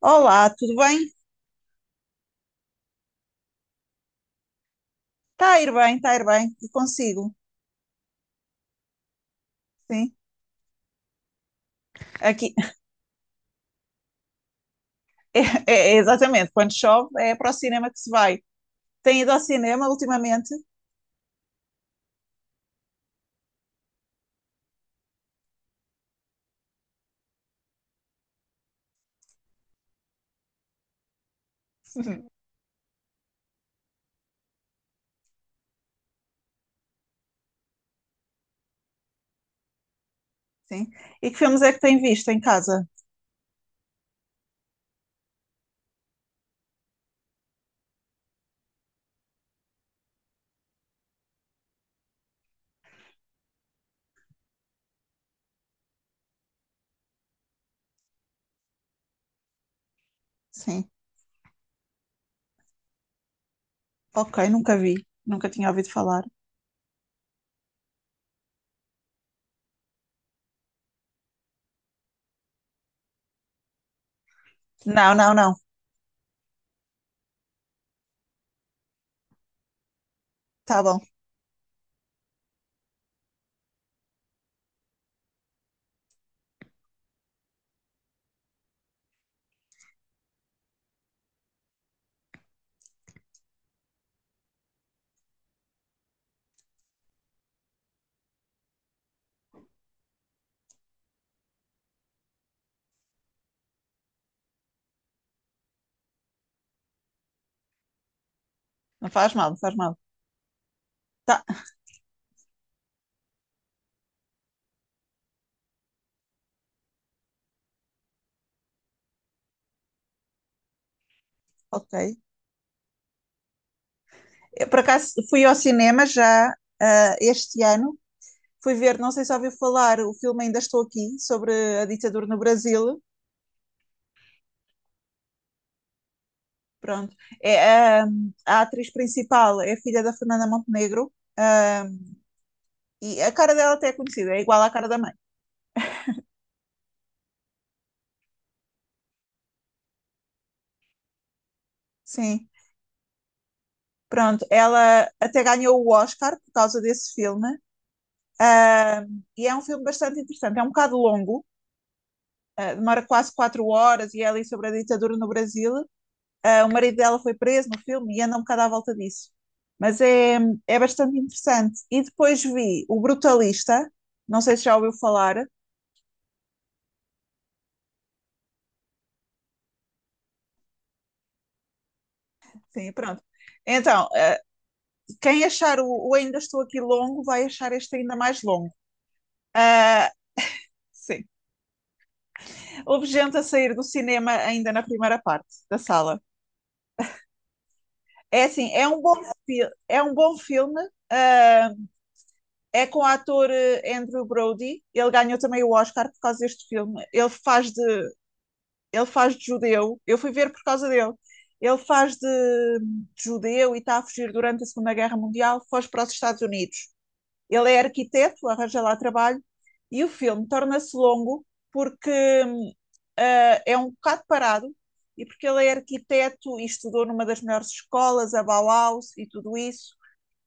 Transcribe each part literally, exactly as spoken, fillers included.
Olá, tudo bem? Está a ir bem, está a ir bem. E consigo, sim. Aqui, é, é- é exatamente, quando chove é para o cinema que se vai. Tem ido ao cinema ultimamente? Sim. E que filmes é que tem visto em casa? Sim. Ok, nunca vi, nunca tinha ouvido falar. Não, não, não. Tá bom. Não faz mal, não faz mal. Tá, ok. Eu, por acaso fui ao cinema já ah, este ano. Fui ver, não sei se ouviu falar, o filme Ainda Estou Aqui, sobre a ditadura no Brasil. Pronto. É, ahm, a atriz principal é a filha da Fernanda Montenegro, ahm, e a cara dela até é conhecida, é igual à cara da mãe. Sim. Pronto, ela até ganhou o Oscar por causa desse filme, ahm, e é um filme bastante interessante. É um bocado longo, ah, demora quase quatro horas e é ali sobre a ditadura no Brasil. Ah, o marido dela foi preso no filme e anda um bocado à volta disso. Mas é, é bastante interessante. E depois vi O Brutalista, não sei se já ouviu falar. Sim, pronto. Então, eh, quem achar o, o Ainda Estou Aqui longo vai achar este ainda mais longo. Ah, sim. Houve gente a sair do cinema ainda na primeira parte da sala. É assim, é um bom, fi- É um bom filme. ah, É com o ator eh, Andrew Brody. Ele ganhou também o Oscar por causa deste filme. Ele faz de, ele faz de judeu. Eu fui ver por causa dele. Ele faz de, de judeu e está a fugir durante a Segunda Guerra Mundial, foge para os Estados Unidos. Ele é arquiteto, arranja lá trabalho, e o filme torna-se longo porque hum, ah, é um bocado parado e porque ele é arquiteto e estudou numa das melhores escolas, a Bauhaus e tudo isso.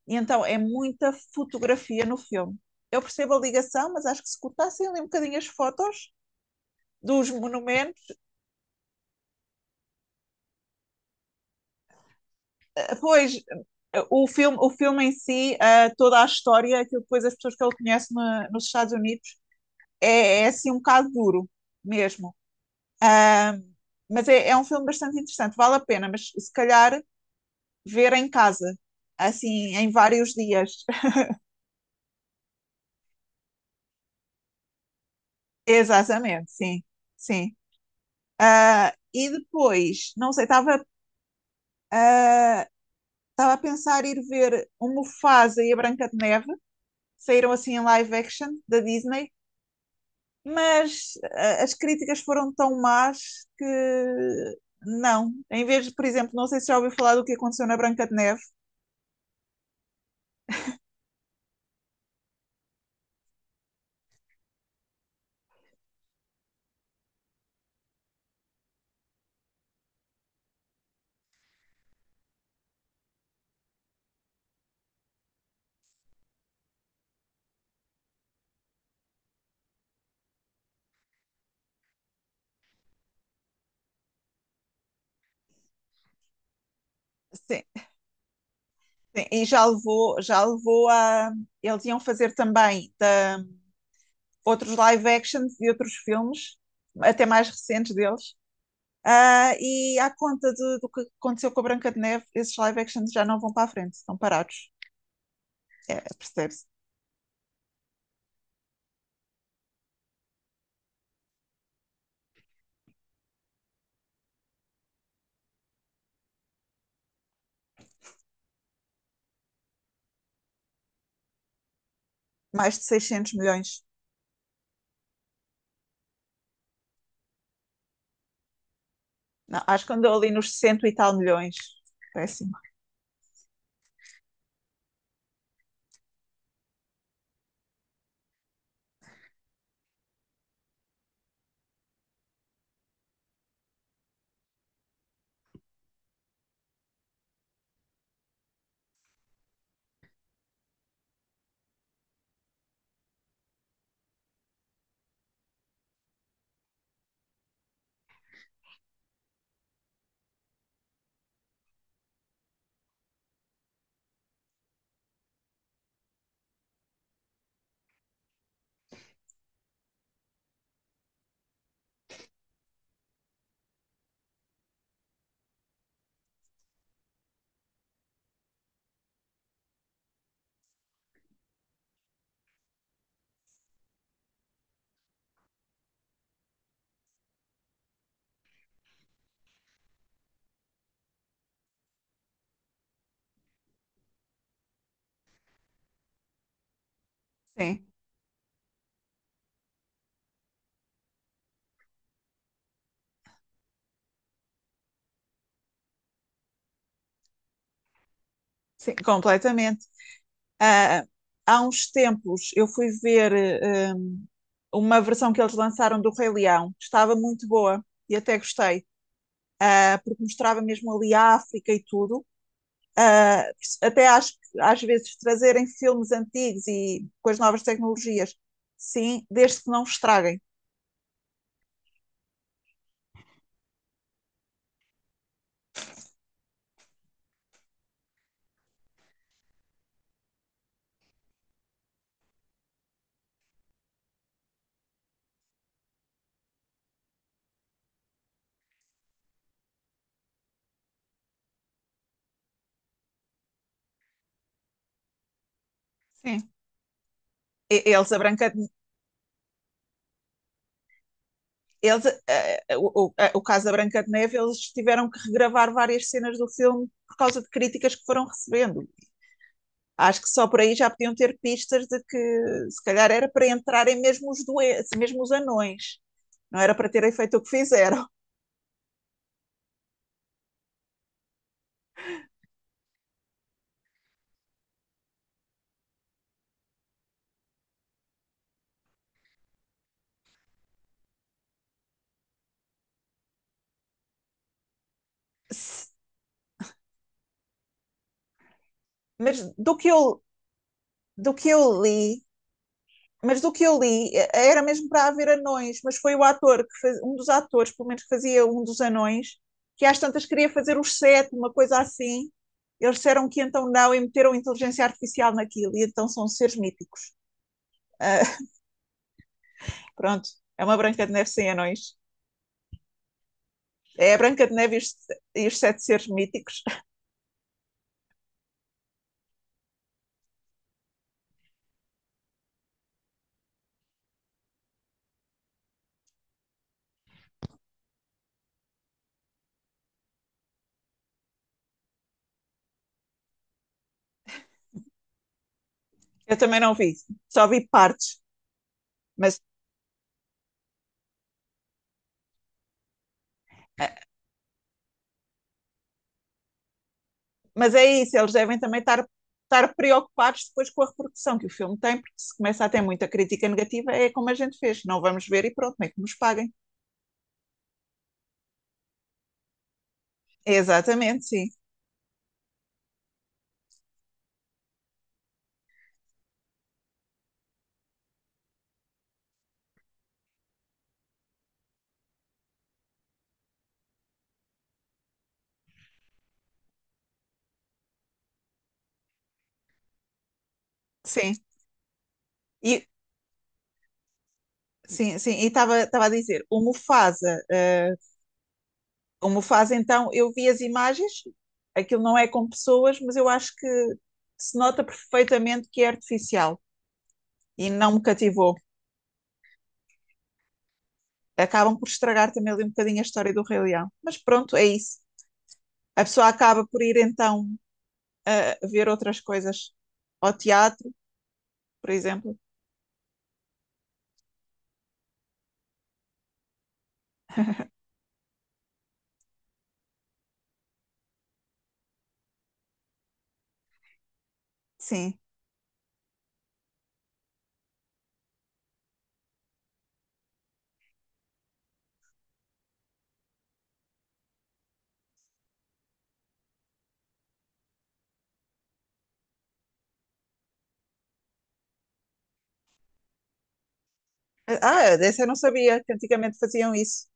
E então é muita fotografia no filme. Eu percebo a ligação, mas acho que se cortassem ali um bocadinho as fotos dos monumentos, pois eh, o filme, o filme em si, ah, toda a história, aquilo que depois as pessoas que ele conhece na- nos Estados Unidos, é, é assim um bocado duro mesmo. Ahm, mas é, é um filme bastante interessante, vale a pena, mas se calhar ver em casa, assim, em vários dias. Exatamente, sim, sim. Ah, e depois, não sei, estava ah, estava a pensar ir ver o Mufasa e a Branca de Neve, saíram assim em live action da Disney, mas ah, as críticas foram tão más que não. Em vez de, por exemplo, não sei se já ouviu falar do que aconteceu na Branca de Neve. Sim. Sim, e já levou, já levou a. Eles iam fazer também da- outros live actions e outros filmes, até mais recentes deles. Ah, e à conta do, do que aconteceu com a Branca de Neve, esses live actions já não vão para a frente, estão parados. É, percebe-se. Mais de seiscentos milhões. Não, acho que andou ali nos sessenta e tal milhões. Péssimo. Sim, sim, completamente. Ah, há uns tempos eu fui ver eh, uma versão que eles lançaram do Rei Leão, que estava muito boa e até gostei. Uh, porque mostrava mesmo ali a África e tudo. Uh, até acho que às vezes trazerem filmes antigos e com as novas tecnologias, sim, desde que não estraguem. Sim. Eles, a Branca de, eles, uh, o, o, ah, O caso da Branca de Neve, eles tiveram que regravar várias cenas do filme por causa de críticas que foram recebendo. Acho que só por aí já podiam ter pistas de que se calhar era para entrarem mesmo os doentes, mesmo os anões. Não era para terem feito o que fizeram. Mas do que eu do que eu li, mas do que eu li, eh, era mesmo para haver anões, mas foi o ator que faz, um dos atores, pelo menos que fazia um dos anões, que às tantas queria fazer os sete, uma coisa assim. Eles disseram que então não e meteram inteligência artificial naquilo, e então são seres míticos. Ah, pronto, é uma Branca de Neve sem anões. É a Branca de Neve e os, E os sete seres míticos. Eu também não vi, só vi partes, mas Mas é isso, eles devem também estar, estar preocupados depois com a repercussão que o filme tem, porque se começa a ter muita crítica negativa, é como a gente fez, não vamos ver e pronto, nem que nos paguem. Exatamente, sim, sim. E sim, sim, e estava estava a dizer, o Mufasa, eh, o Mufasa então, eu vi as imagens, aquilo não é com pessoas, mas eu acho que se nota perfeitamente que é artificial e não me cativou. Acabam por estragar também ali um bocadinho a história do Rei Leão. Mas pronto, é isso. A pessoa acaba por ir então a ver outras coisas, ao teatro, por exemplo. Sim. Ah, dessa eu não sabia que antigamente faziam isso.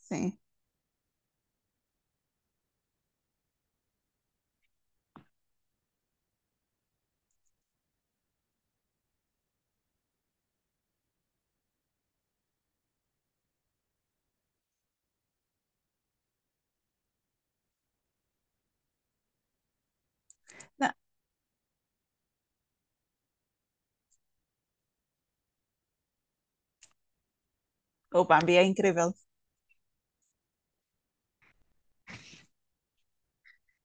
Sim. Não, o Bambi é incrível.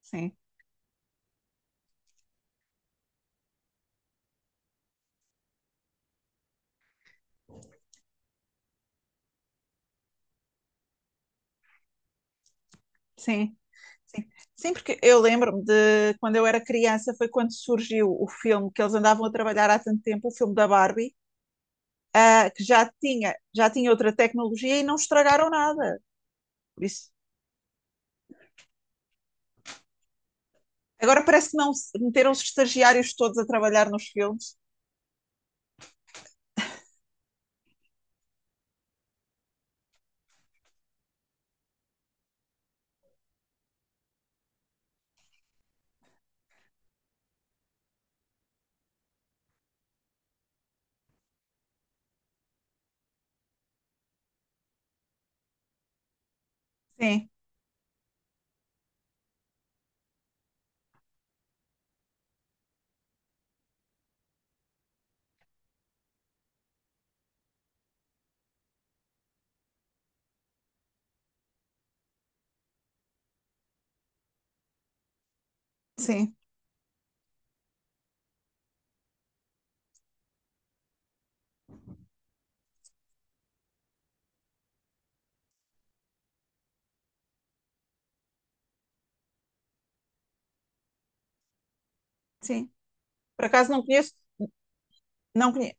Sim, sim, sim. Sim, porque eu lembro-me de quando eu era criança, foi quando surgiu o filme que eles andavam a trabalhar há tanto tempo, o filme da Barbie, ah, que já tinha, já tinha outra tecnologia e não estragaram nada. Por isso, agora parece que não se- meteram os estagiários todos a trabalhar nos filmes. Sim, sim, sim. Por acaso não conheço, não conheço.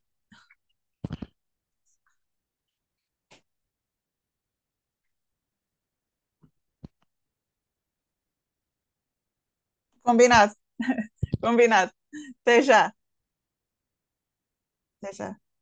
Combinado, combinado. Até já, até já.